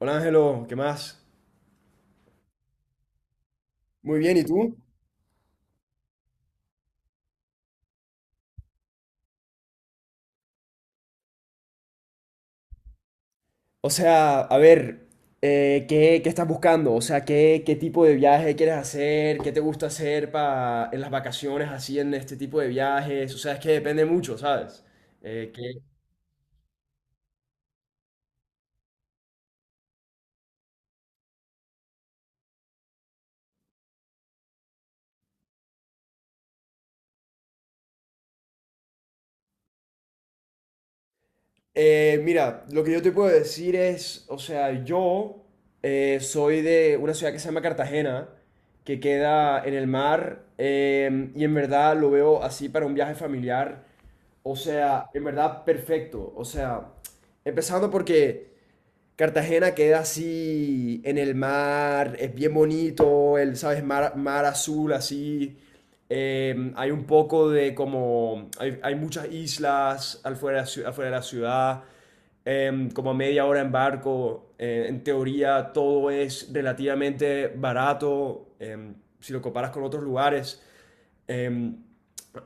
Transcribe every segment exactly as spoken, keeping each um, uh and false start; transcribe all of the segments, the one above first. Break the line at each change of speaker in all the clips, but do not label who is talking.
Hola Ángelo, ¿qué más? Muy bien, ¿y tú? O sea, a ver, eh, ¿qué, qué estás buscando? O sea, ¿qué, qué tipo de viaje quieres hacer? ¿Qué te gusta hacer pa- en las vacaciones así en este tipo de viajes? O sea, es que depende mucho, ¿sabes? Eh, ¿qué- Eh, mira, lo que yo te puedo decir es, o sea, yo eh, soy de una ciudad que se llama Cartagena, que queda en el mar, em, y en verdad lo veo así para un viaje familiar. O sea, en verdad, perfecto. O sea, empezando porque Cartagena queda así en el mar, es bien bonito, el, ¿sabes? Mar, mar azul así. Eh, hay un poco de como, hay, hay muchas islas afuera, de la ciu- afuera de la ciudad, em, como a media hora en barco. Eh, en teoría todo es relativamente barato, em, si lo comparas con otros lugares. Em,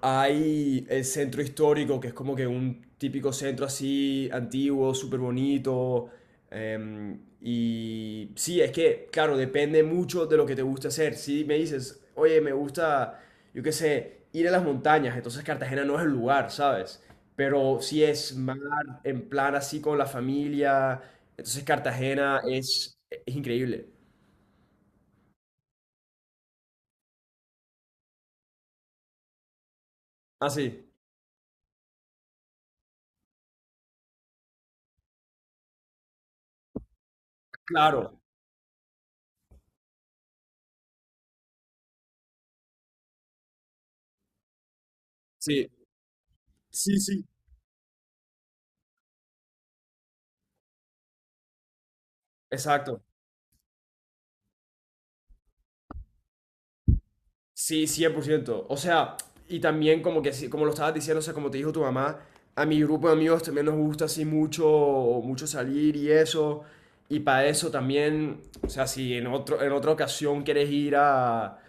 hay el centro histórico, que es como que un típico centro así antiguo, súper bonito. Em, y sí, es que, claro, depende mucho de lo que te gusta hacer. Si me dices, oye, me gusta, yo qué sé, ir a las montañas, entonces Cartagena no es el lugar, ¿sabes? Pero si es mar, en plan así con la familia, entonces Cartagena es, es increíble. Ah, sí, claro, sí, sí, sí, exacto. Sí, cien por ciento. O sea, y también como que, sí- como lo estabas diciendo, o sea, como te dijo tu mamá, a mi grupo de amigos también nos gusta así mucho, mucho salir y eso. Y para eso también, o sea, si en otro, en otra ocasión quieres ir a,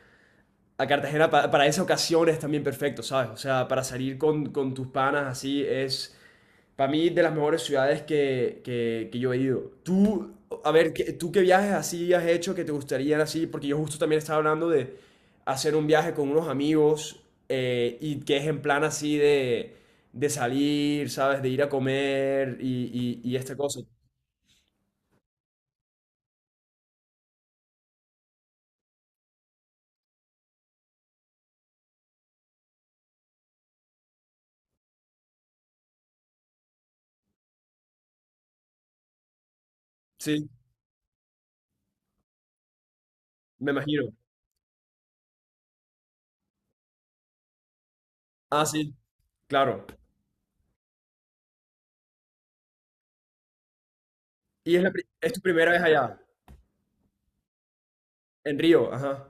a Cartagena, pa- para esa ocasión es también perfecto, ¿sabes? O sea, para salir con, con tus panas así es para mí, de las mejores ciudades que, que- que yo he ido. Tú, a ver, ¿qué- ¿tú qué viajes así has hecho que te gustarían así? Porque yo justo también estaba hablando de hacer un viaje con unos amigos eh, y que es en plan así de, de salir, ¿sabes? De ir a comer y, y, y esta cosa. Sí, me imagino. Ah, sí, claro. Y es, la pri- es tu primera vez allá, en Río, ajá.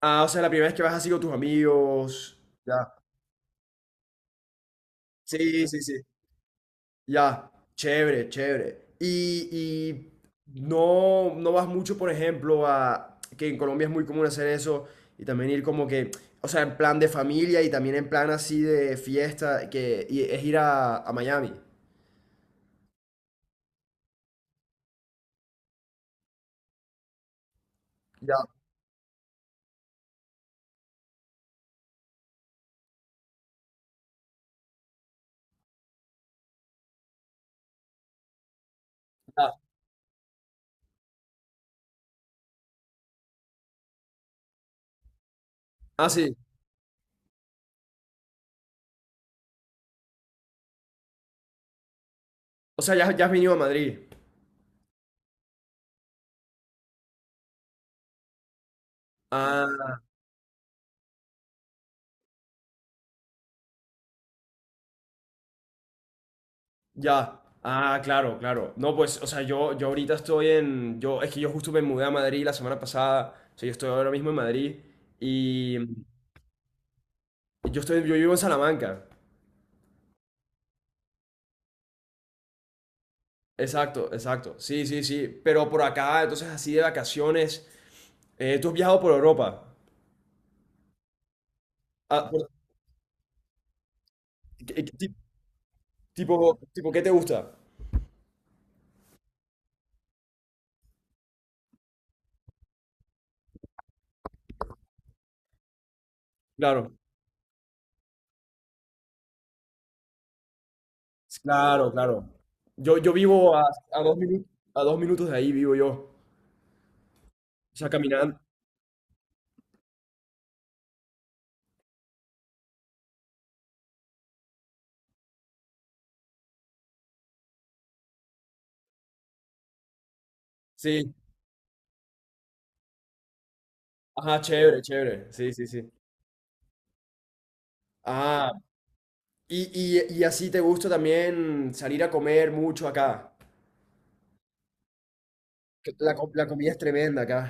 Ah, o sea, la primera vez que vas así con tus amigos. Ya. Sí, sí, sí. Ya, chévere, chévere. Y, y no, no vas mucho, por ejemplo, a que en Colombia es muy común hacer eso y también ir como que, o sea, en plan de familia y también en plan así de fiesta, que y es ir a, a Miami. Ya, ya. Ah, sí. O sea, ya, ya has venido a Madrid. Ah, ya. Ah, claro, claro. No, pues, o sea, yo, yo ahorita estoy en, yo, es que yo justo me mudé a Madrid la semana pasada. O sea, yo estoy ahora mismo en Madrid y yo estoy, yo vivo en Salamanca. Exacto, exacto. Sí, sí, sí. Pero por acá, entonces así de vacaciones. Eh, ¿tú has viajado por Europa? Ah, por- ¿qué- qué ti- Tipo, tipo, ¿qué te gusta? Claro, claro, claro. Yo, yo vivo a, a dos minutos, a dos minutos de ahí vivo yo. O sea, caminando. Sí. Ajá, chévere, chévere. Sí, sí, sí. Ah, y, y, y así te gusta también salir a comer mucho acá. Que La, co- la comida es tremenda acá.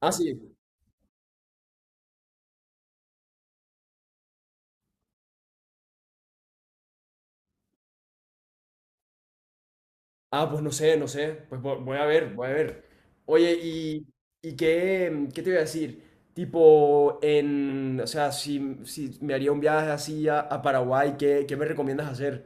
Ah, sí. Ah, pues no sé, no sé. Pues vo- voy a ver, voy a ver. Oye, ¿y, y qué, ¿qué te voy a decir? Tipo, en, o sea, si, si me haría un viaje así a, a Paraguay, ¿qué, ¿qué me recomiendas hacer?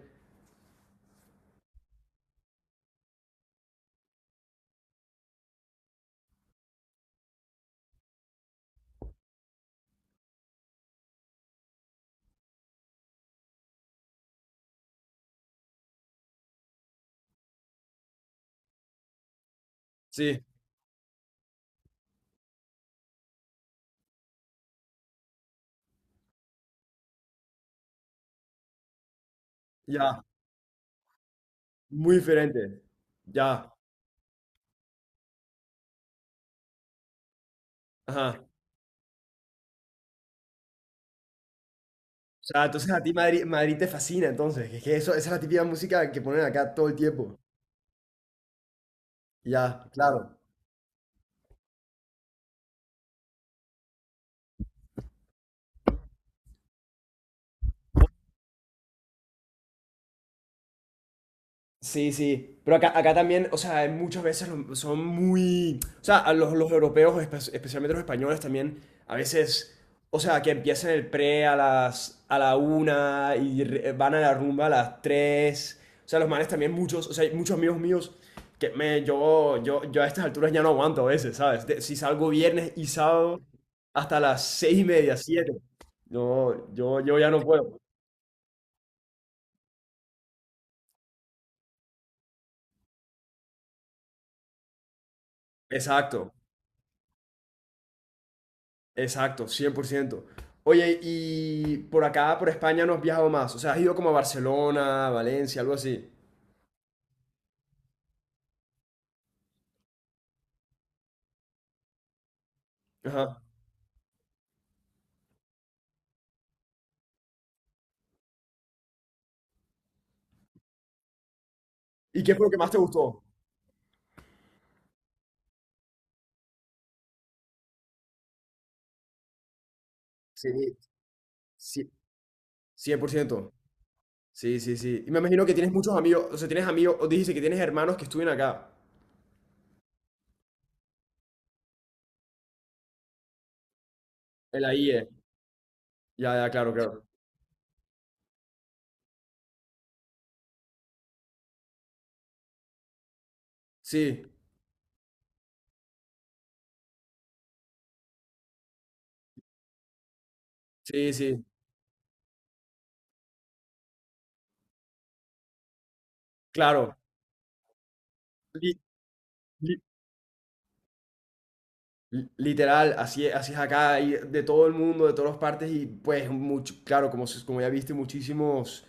Sí, ya, muy diferente. Ya, ajá. O sea, entonces a ti Madrid, Madrid te fascina, entonces. Es que eso, esa es la típica música que ponen acá todo el tiempo. Ya, claro. Sí, sí, pero acá, acá también, o sea, hay muchas veces lo- son muy, o sea, a los, los europeos, espe- especialmente los españoles también, a veces, o sea, que empiezan el pre a las, a la una y re- van a la rumba a las tres, o sea, los manes también muchos, o sea, hay muchos amigos míos que me, yo, yo, yo a estas alturas ya no aguanto a veces, ¿sabes? De- si salgo viernes y sábado hasta las seis y media, siete, no, yo, yo ya no puedo, exacto. Exacto, cien por ciento. Oye, y por acá, por España, no has viajado más. O sea, has ido como a Barcelona, Valencia, algo así. Ajá. ¿Y qué fue lo que más te gustó? Sí, sí, cien por ciento. Sí, sí, sí. Y me imagino que tienes muchos amigos, o sea, tienes amigos, o dijiste que tienes hermanos que estuvieron acá, en la I E. Ya, ya, claro, claro. Sí, sí, sí, claro. Li- li- li- Literal, así es, así es acá, y de todo el mundo, de todas las partes, y pues, mucho, claro, como, se- como ya viste, muchísimos.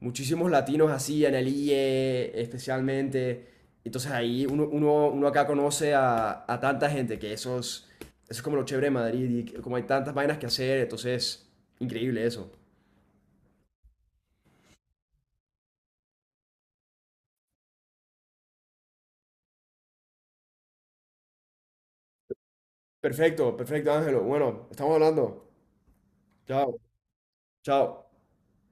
Muchísimos latinos así, en el Analie especialmente. Entonces ahí uno, uno, uno acá conoce a, a tanta gente que eso es, eso es como lo chévere de Madrid y como hay tantas vainas que hacer, entonces increíble eso. Perfecto, perfecto Ángelo. Bueno, estamos hablando. Chao, chao.